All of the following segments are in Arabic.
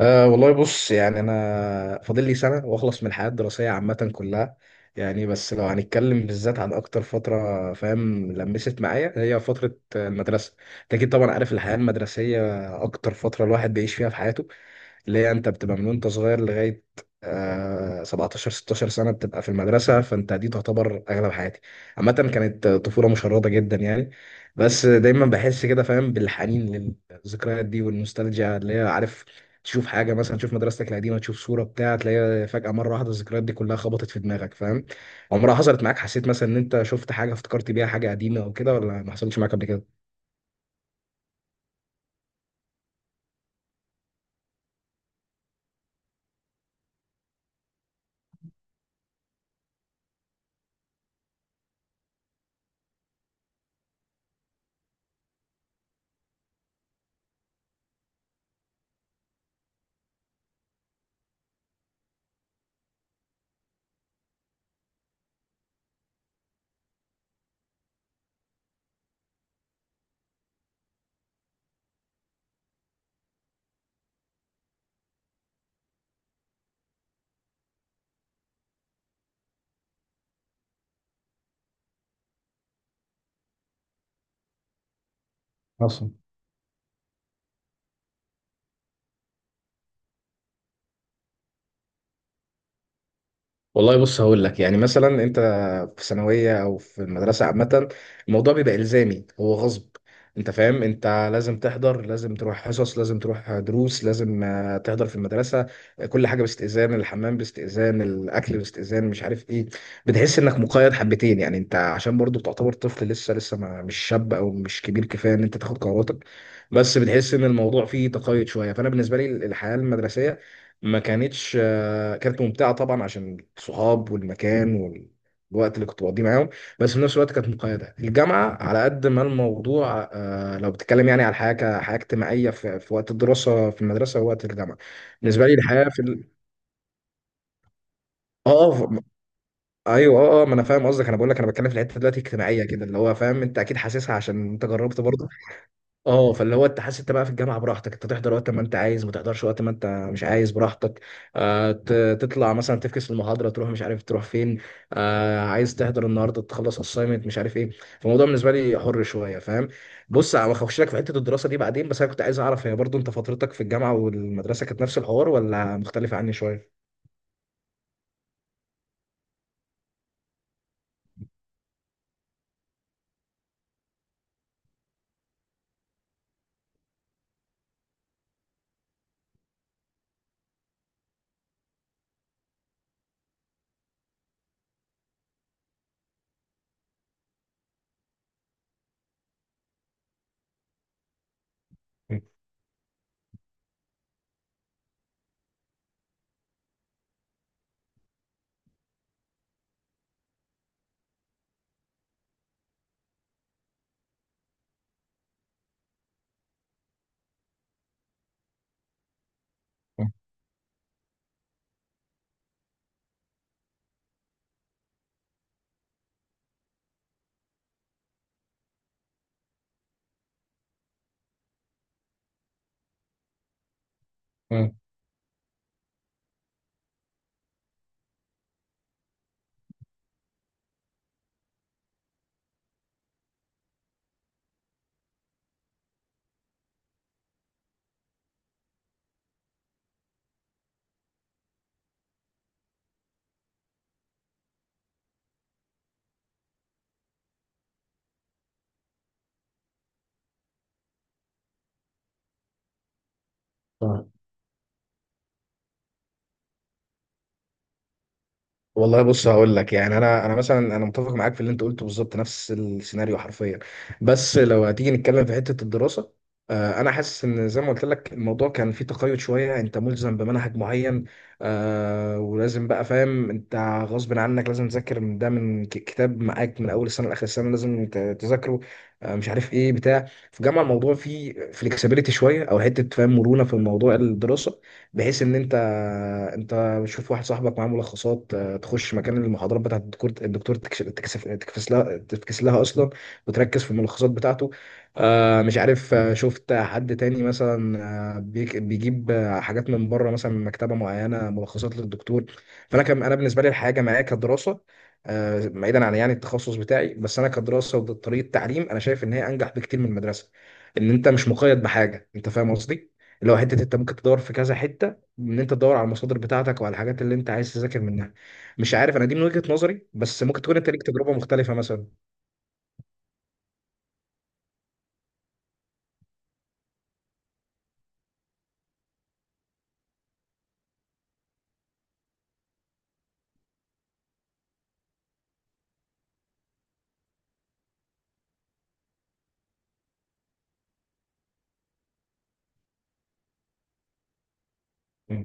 والله بص، يعني أنا فاضل لي سنة وأخلص من الحياة الدراسية عامة كلها. يعني بس لو هنتكلم بالذات عن أكتر فترة، فاهم، لمست معايا هي فترة المدرسة. أنت أكيد طبعا عارف الحياة المدرسية، أكتر فترة الواحد بيعيش فيها في حياته، اللي هي انت بتبقى من وانت صغير لغايه 17 16 سنه بتبقى في المدرسه، فانت دي تعتبر اغلب حياتي. عامه كانت طفوله مشرده جدا يعني. بس دايما بحس كده، فاهم، بالحنين للذكريات دي والنوستالجيا، اللي هي عارف تشوف حاجه مثلا، تشوف مدرستك القديمه، تشوف صوره بتاع تلاقيها فجاه مره واحده، الذكريات دي كلها خبطت في دماغك. فاهم، عمرها حصلت معاك؟ حسيت مثلا ان انت شفت حاجه افتكرت بيها حاجه قديمه او كده، ولا ما حصلتش معاك قبل كده؟ حصل. والله بص هقول لك، يعني مثلا انت في ثانويه او في المدرسه عامه، الموضوع بيبقى الزامي، هو غصب. انت فاهم، انت لازم تحضر، لازم تروح حصص، لازم تروح دروس، لازم تحضر في المدرسه. كل حاجه باستئذان، الحمام باستئذان، الاكل باستئذان، مش عارف ايه. بتحس انك مقيد حبتين يعني، انت عشان برضو تعتبر طفل لسه، لسه ما مش شاب او مش كبير كفايه ان انت تاخد قراراتك. بس بتحس ان الموضوع فيه تقيد شويه. فانا بالنسبه لي الحياه المدرسيه ما كانتش كانت ممتعه طبعا عشان الصحاب والمكان والوقت اللي كنت بقضيه معاهم، بس في نفس الوقت كانت مقيده. الجامعه على قد ما الموضوع، لو بتتكلم يعني على الحياه كحياه اجتماعيه في وقت الدراسه في المدرسه ووقت الجامعه. بالنسبه لي الحياه في ال... اه آه، ف- ايوه. اه ما انا فاهم قصدك، انا بقول لك انا بتكلم في الحته دلوقتي اجتماعيه كده، اللي هو فاهم، انت اكيد حاسسها عشان انت جربت برضه. اه فاللي هو انت حاسس انت بقى في الجامعه براحتك، انت تحضر وقت ما انت عايز، ما تحضرش وقت ما انت مش عايز براحتك. تطلع مثلا تفكس المحاضره، تروح مش عارف تروح فين. عايز تحضر النهارده، تخلص اساينمنت، مش عارف ايه. فالموضوع بالنسبه لي حر شويه، فاهم. بص انا هخش لك في حته الدراسه دي بعدين، بس انا كنت عايز اعرف هي برضو انت فترتك في الجامعه والمدرسه كانت نفس الحوار ولا مختلفه عني شويه؟ مم. مم. مم. والله بص هقول لك، يعني انا مثلا، انا متفق معاك في اللي انت قلته، بالظبط نفس السيناريو حرفيا. بس لو هتيجي نتكلم في حته الدراسه، انا حاسس ان زي ما قلت لك الموضوع كان فيه تقيد شويه، انت ملزم بمنهج معين. ولازم بقى، فاهم انت، غصب عنك لازم تذاكر من ده، من كتاب معاك من اول السنه لاخر السنه لازم تذاكره. مش عارف ايه بتاع. في جامعه الموضوع فيه فليكسبيليتي شويه، او حته، فاهم، مرونه في الموضوع الدراسه، بحيث ان انت بتشوف واحد صاحبك معاه ملخصات، تخش مكان المحاضرات بتاعت الدكتور، تكش- تكسف تكفس لها تفكس لها اصلا، وتركز في الملخصات بتاعته. آه، مش عارف آه، شفت حد تاني مثلا، بيجيب حاجات من بره، مثلا من مكتبه معينه، ملخصات للدكتور. فانا كان، انا بالنسبه لي الحياه الجامعيه كدراسه، بعيدا عن يعني التخصص بتاعي، بس انا كدراسه وطريقه تعليم انا شايف ان هي انجح بكتير من المدرسه، ان انت مش مقيد بحاجه. انت فاهم قصدي، اللي هو حته انت ممكن تدور في كذا حته، ان انت تدور على المصادر بتاعتك وعلى الحاجات اللي انت عايز تذاكر منها. مش عارف، انا دي من وجهة نظري، بس ممكن تكون انت ليك تجربة مختلفة مثلا. مم.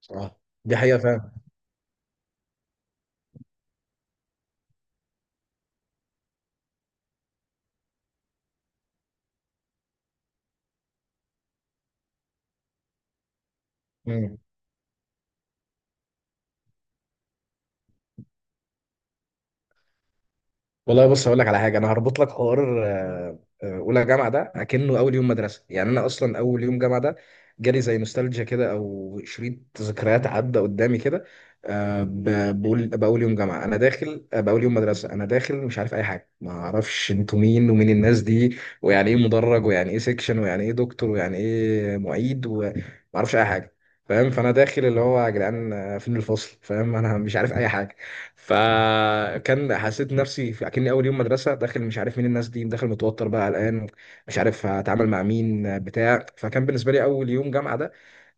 صح، دي حقيقة، فعلا. والله بص هقول لك على حاجه، انا هربط لك حوار. اولى جامعه ده اكنه اول يوم مدرسه، يعني انا اصلا اول يوم جامعه ده جالي زي نوستالجيا كده، او شريط ذكريات عدى قدامي كده. بقول باول يوم جامعه انا داخل باول يوم مدرسه، انا داخل مش عارف اي حاجه، ما اعرفش انتوا مين، ومين الناس دي، ويعني ايه مدرج، ويعني ايه سيكشن، ويعني ايه دكتور، ويعني ايه معيد، وما اعرفش اي حاجه. فاهم، فانا داخل اللي هو يا جدعان فين الفصل، فاهم، انا مش عارف اي حاجه. فكان حسيت نفسي اكني اول يوم مدرسه، داخل مش عارف مين الناس دي، داخل متوتر بقى، قلقان، مش عارف هتعامل مع مين بتاع. فكان بالنسبه لي اول يوم جامعه ده،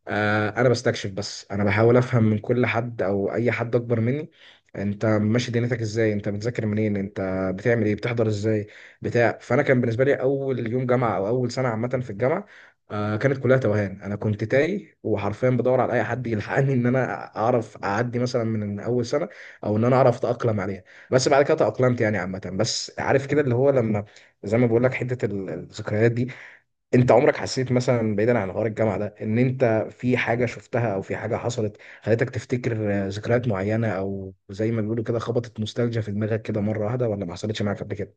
انا بستكشف، بس انا بحاول افهم من كل حد او اي حد اكبر مني، انت ماشي دنيتك ازاي، انت بتذاكر منين، انت بتعمل ايه، بتحضر ازاي، بتاع. فانا كان بالنسبه لي اول يوم جامعه او اول سنه عامه في الجامعه كانت كلها توهان. انا كنت تايه، وحرفيا بدور على اي حد يلحقني ان انا اعرف اعدي مثلا من اول سنه، او ان انا اعرف اتاقلم عليها. بس بعد كده تاقلمت يعني عامه. بس عارف كده، اللي هو لما، زي ما بقول لك حته الذكريات دي، انت عمرك حسيت مثلا بعيدا عن غار الجامعه ده، ان انت في حاجه شفتها او في حاجه حصلت خلتك تفتكر ذكريات معينه، او زي ما بيقولوا كده خبطت نوستالجيا في دماغك كده مره واحده، ولا ما حصلتش معاك قبل كده؟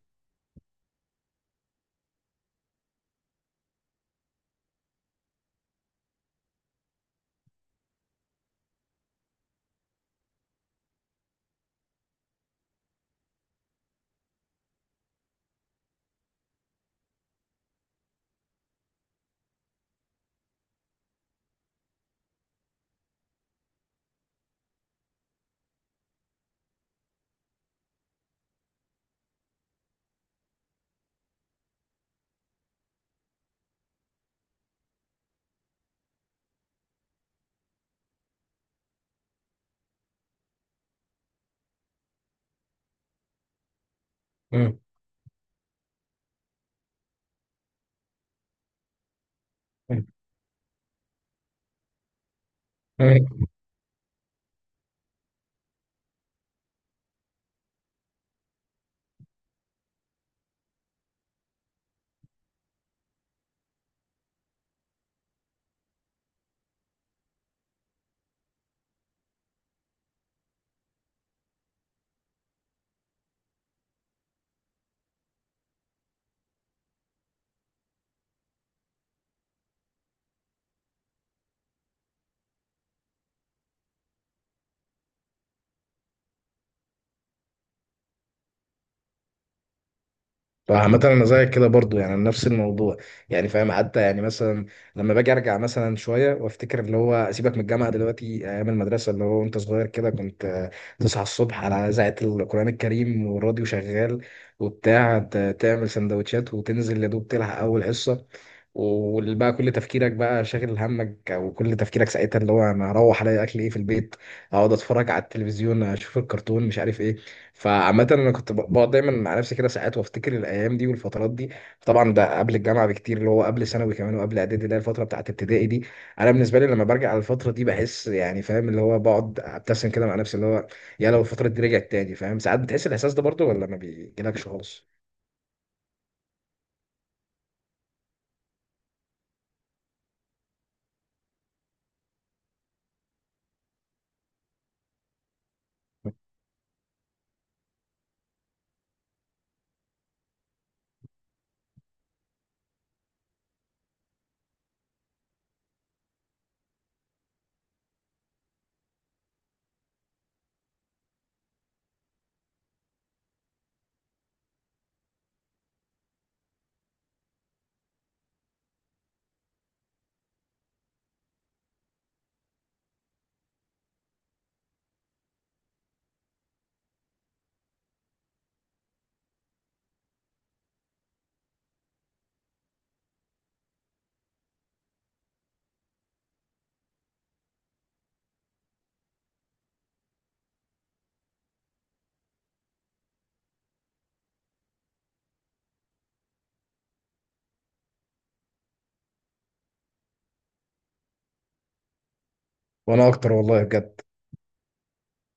مم. فعامة أنا زيك كده برضو، يعني نفس الموضوع. يعني فاهم، حتى يعني مثلا لما باجي أرجع مثلا شوية وأفتكر، اللي هو سيبك من الجامعة دلوقتي، أيام المدرسة اللي هو وأنت صغير كده، كنت تصحى الصبح على إذاعة القرآن الكريم والراديو شغال وبتاع، تعمل سندوتشات وتنزل يا دوب تلحق أول حصة. وبقى كل تفكيرك شاغل همك، وكل تفكيرك ساعتها اللي هو انا هروح الاقي اكل ايه في البيت، اقعد اتفرج على التلفزيون، اشوف الكرتون، مش عارف ايه. فعامة أنا كنت بقعد دايما مع نفسي كده ساعات وأفتكر الأيام دي والفترات دي. طبعا ده قبل الجامعة بكتير، اللي هو قبل ثانوي كمان، وقبل إعدادي، اللي هي الفترة بتاعت ابتدائي دي. أنا بالنسبة لي لما برجع على الفترة دي بحس، يعني فاهم، اللي هو بقعد أبتسم كده مع نفسي، اللي هو يا لو الفترة دي رجعت تاني. فاهم، ساعات بتحس الإحساس ده برضه، ولا ما بيجيلكش خالص؟ وأنا أكتر والله بجد.